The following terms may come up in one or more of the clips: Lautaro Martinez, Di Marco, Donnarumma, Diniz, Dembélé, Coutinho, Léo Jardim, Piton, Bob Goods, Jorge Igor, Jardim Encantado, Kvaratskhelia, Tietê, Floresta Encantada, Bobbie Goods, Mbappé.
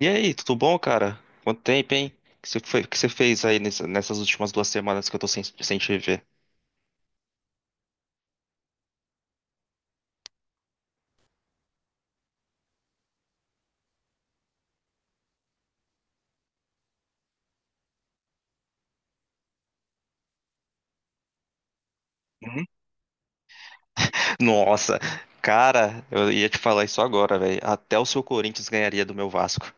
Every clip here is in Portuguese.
E aí, tudo bom, cara? Quanto tempo, hein? O que que você fez aí nessas últimas duas semanas que eu tô sem te ver? Nossa, cara, eu ia te falar isso agora, velho. Até o seu Corinthians ganharia do meu Vasco.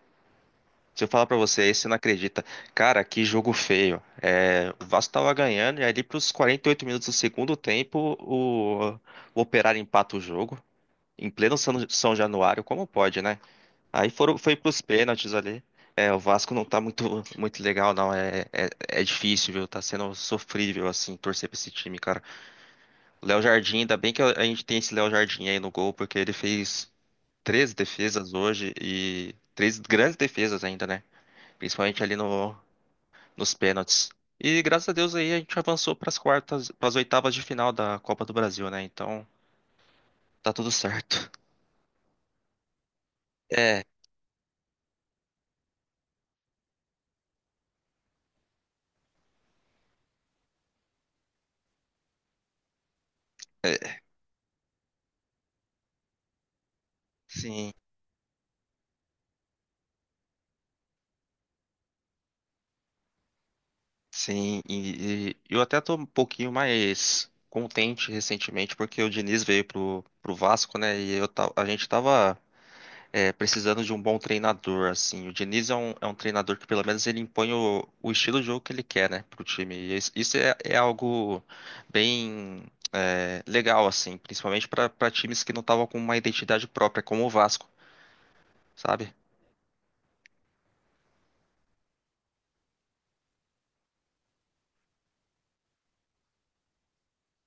Se eu falar pra você, aí você não acredita. Cara, que jogo feio. É, o Vasco tava ganhando e ali pros 48 minutos do segundo tempo, o Operário empata o jogo. Em pleno São Januário, como pode, né? Foi pros pênaltis ali. É, o Vasco não tá muito legal, não. É difícil, viu? Tá sendo sofrível, assim, torcer pra esse time, cara. O Léo Jardim, ainda bem que a gente tem esse Léo Jardim aí no gol, porque ele fez 13 defesas hoje e três grandes defesas ainda, né? Principalmente ali no, nos pênaltis. E graças a Deus aí a gente avançou para as quartas, para as oitavas de final da Copa do Brasil, né? Então tá tudo certo. É, sim, sim. E eu até tô um pouquinho mais contente recentemente porque o Diniz veio pro Vasco, né? E a gente tava precisando de um bom treinador, assim. O Diniz é é um treinador que, pelo menos, ele impõe o estilo de jogo que ele quer, né, pro time. E isso é algo bem legal, assim, principalmente para times que não estavam com uma identidade própria, como o Vasco, sabe?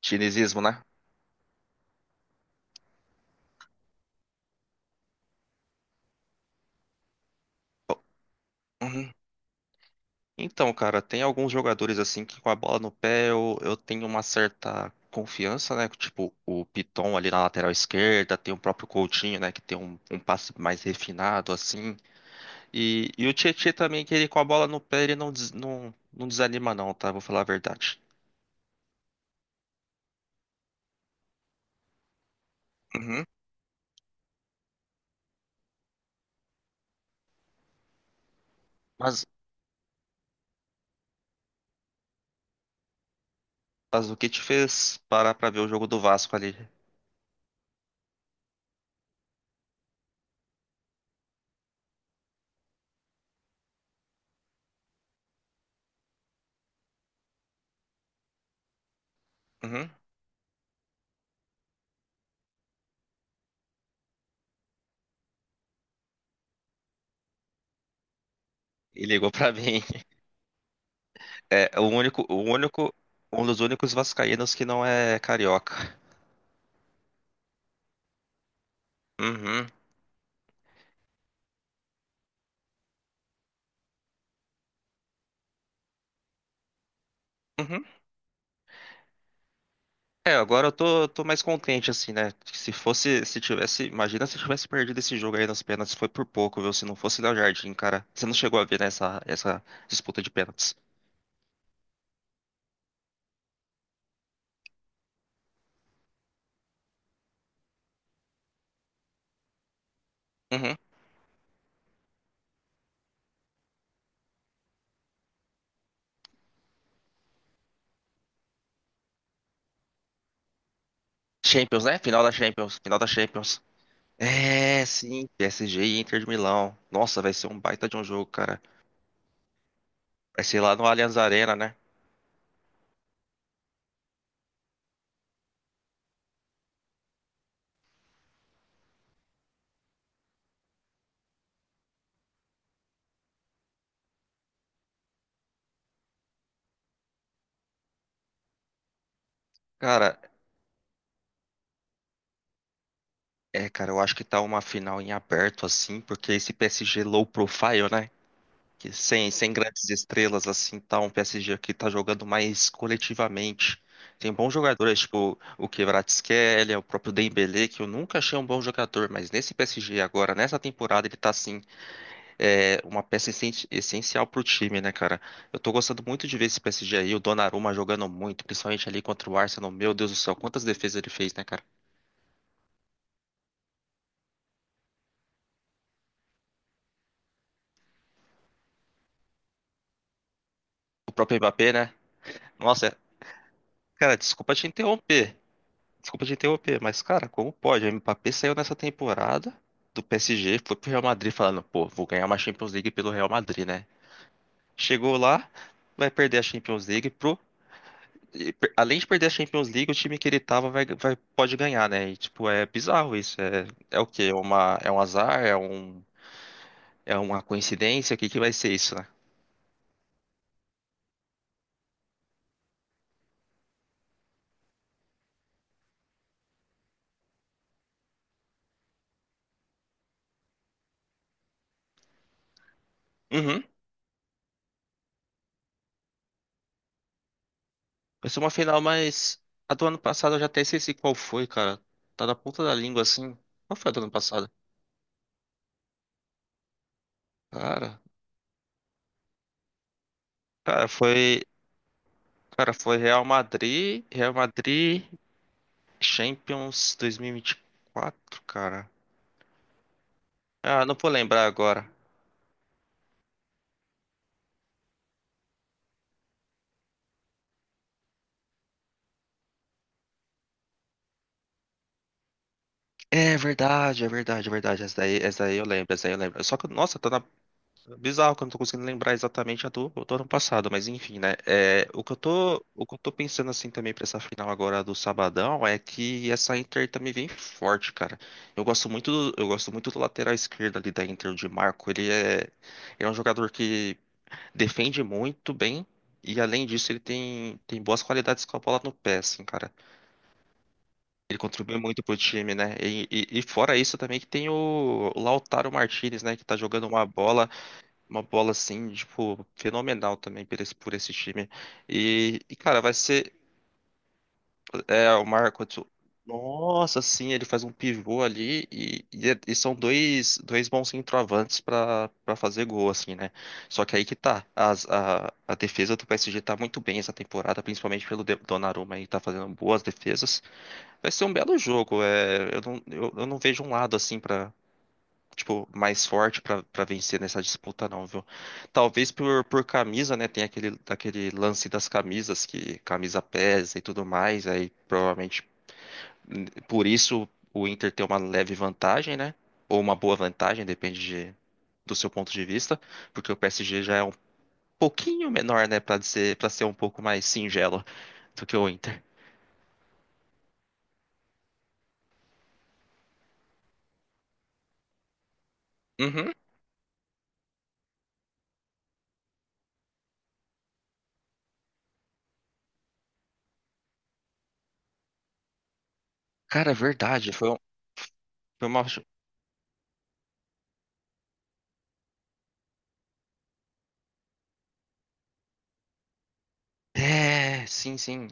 Dinizismo, né? Uhum. Então, cara, tem alguns jogadores assim que com a bola no pé eu tenho uma certa confiança, né? Tipo o Piton ali na lateral esquerda, tem o próprio Coutinho, né? Que tem um passe mais refinado, assim. E o Tietê também, que ele com a bola no pé, ele não desanima não, tá? Vou falar a verdade. Uhum. Mas, mas o que te fez parar pra ver o jogo do Vasco ali? Uhum. E ligou pra mim. É o o único, um dos únicos vascaínos que não é carioca. Uhum, uhum. É, agora eu tô mais contente, assim, né? Se fosse, se tivesse, imagina se tivesse perdido esse jogo aí nas pênaltis, foi por pouco, viu? Se não fosse Léo Jardim, cara. Você não chegou a ver, né, essa disputa de pênaltis. Uhum. Champions, né? Final da Champions, final da Champions. É, sim, PSG e Inter de Milão. Nossa, vai ser um baita de um jogo, cara. Vai ser lá no Allianz Arena, né? Cara, cara, eu acho que tá uma final em aberto, assim, porque esse PSG low profile, né? Que sem grandes estrelas, assim, tá um PSG que tá jogando mais coletivamente. Tem bons jogadores, tipo o Kvaratskhelia, o próprio Dembélé, que eu nunca achei um bom jogador, mas nesse PSG agora, nessa temporada, ele tá, assim, é uma peça essencial pro time, né, cara? Eu tô gostando muito de ver esse PSG aí, o Donnarumma jogando muito, principalmente ali contra o Arsenal. Meu Deus do céu, quantas defesas ele fez, né, cara? O próprio Mbappé, né? Nossa, é- cara, desculpa te interromper. Desculpa te interromper, mas, cara, como pode? O Mbappé saiu nessa temporada do PSG, foi pro Real Madrid falando, pô, vou ganhar uma Champions League pelo Real Madrid, né? Chegou lá, vai perder a Champions League além de perder a Champions League, o time que ele tava pode ganhar, né? E, tipo, é bizarro isso. É, é o quê? É um azar? É uma coincidência? O que que vai ser isso, né? Uhum. Vai ser uma final, mas a do ano passado eu já até esqueci qual foi, cara. Tá na ponta da língua, assim. Qual foi a do ano passado? Cara, cara, foi, cara, foi Real Madrid Champions 2024, cara. Ah, não vou lembrar agora. É verdade, é verdade, é verdade. Essa daí eu lembro, essa daí eu lembro. Só que, nossa, tá na... Bizarro que eu não tô conseguindo lembrar exatamente a do ano passado, mas enfim, né? É, o que eu tô, o que eu tô pensando assim também pra essa final agora do Sabadão é que essa Inter também vem forte, cara. Eu gosto muito do, eu gosto muito do lateral esquerdo ali da Inter, o Di Marco. Ele é um jogador que defende muito bem e, além disso, ele tem boas qualidades com a bola no pé, assim, cara. Ele contribuiu muito pro time, né? E, e fora isso também que tem o Lautaro Martinez, né? Que tá jogando uma bola assim, tipo, fenomenal também por por esse time. E, cara, vai ser é, o Marco. Nossa, sim, ele faz um pivô ali e são dois bons centroavantes pra para fazer gol, assim, né? Só que aí que tá. A defesa do PSG tá muito bem essa temporada, principalmente pelo Donnarumma aí, tá fazendo boas defesas. Vai ser um belo jogo. É, eu não vejo um lado assim pra tipo mais forte pra para vencer nessa disputa não, viu? Talvez por camisa, né? Tem aquele lance das camisas que camisa pesa e tudo mais. Aí provavelmente por isso o Inter tem uma leve vantagem, né? Ou uma boa vantagem, depende de- do seu ponto de vista, porque o PSG já é um pouquinho menor, né? Para ser um pouco mais singelo do que o Inter. Uhum. Cara, é verdade. Foi, um- foi uma. É, sim, sim.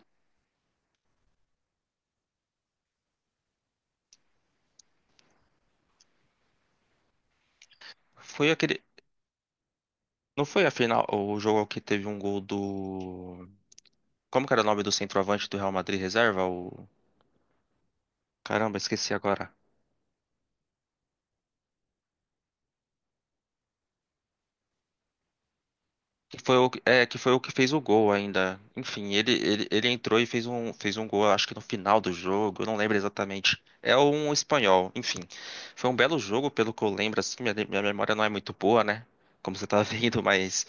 Foi aquele. Não foi a final, o jogo que teve um gol do. Como que era o nome do centroavante do Real Madrid reserva? O... Caramba, esqueci agora. É, que foi o que fez o gol ainda. Enfim, ele entrou e fez fez um gol, acho que no final do jogo, eu não lembro exatamente. É um espanhol. Enfim, foi um belo jogo, pelo que eu lembro, assim, minha memória não é muito boa, né? Como você tá vendo, mas.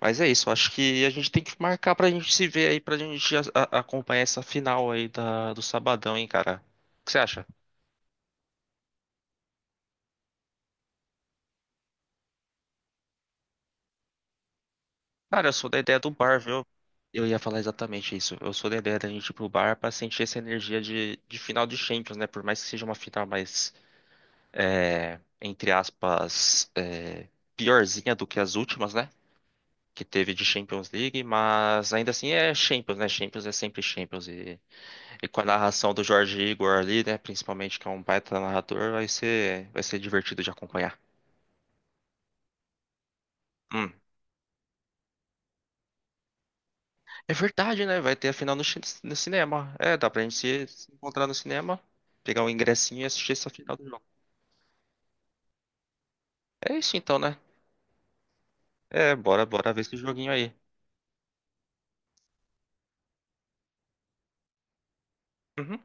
Mas é isso, acho que a gente tem que marcar pra gente se ver aí, pra gente acompanhar essa final aí do sabadão, hein, cara. O que você acha? Cara, eu sou da ideia do bar, viu? Eu ia falar exatamente isso. Eu sou da ideia da gente ir pro bar pra sentir essa energia de final de Champions, né? Por mais que seja uma final mais, é, entre aspas, é, piorzinha do que as últimas, né? Que teve de Champions League, mas ainda assim é Champions, né? Champions é sempre Champions. E com a narração do Jorge Igor ali, né? Principalmente que é um baita narrador, vai vai ser divertido de acompanhar. Hum. É verdade, né? Vai ter a final no cinema. É, dá pra gente se encontrar no cinema, pegar um ingressinho e assistir essa final do jogo. É isso então, né? É, bora ver esse joguinho aí. Uhum.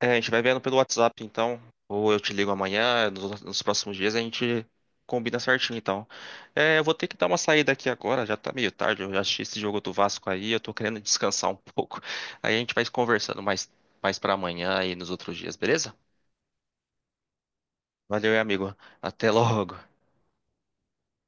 É, a gente vai vendo pelo WhatsApp, então. Ou eu te ligo amanhã, nos próximos dias a gente combina certinho, então. É, eu vou ter que dar uma saída aqui agora, já tá meio tarde, eu já assisti esse jogo do Vasco aí, eu tô querendo descansar um pouco. Aí a gente vai conversando mais pra amanhã e nos outros dias, beleza? Valeu, amigo. Até logo.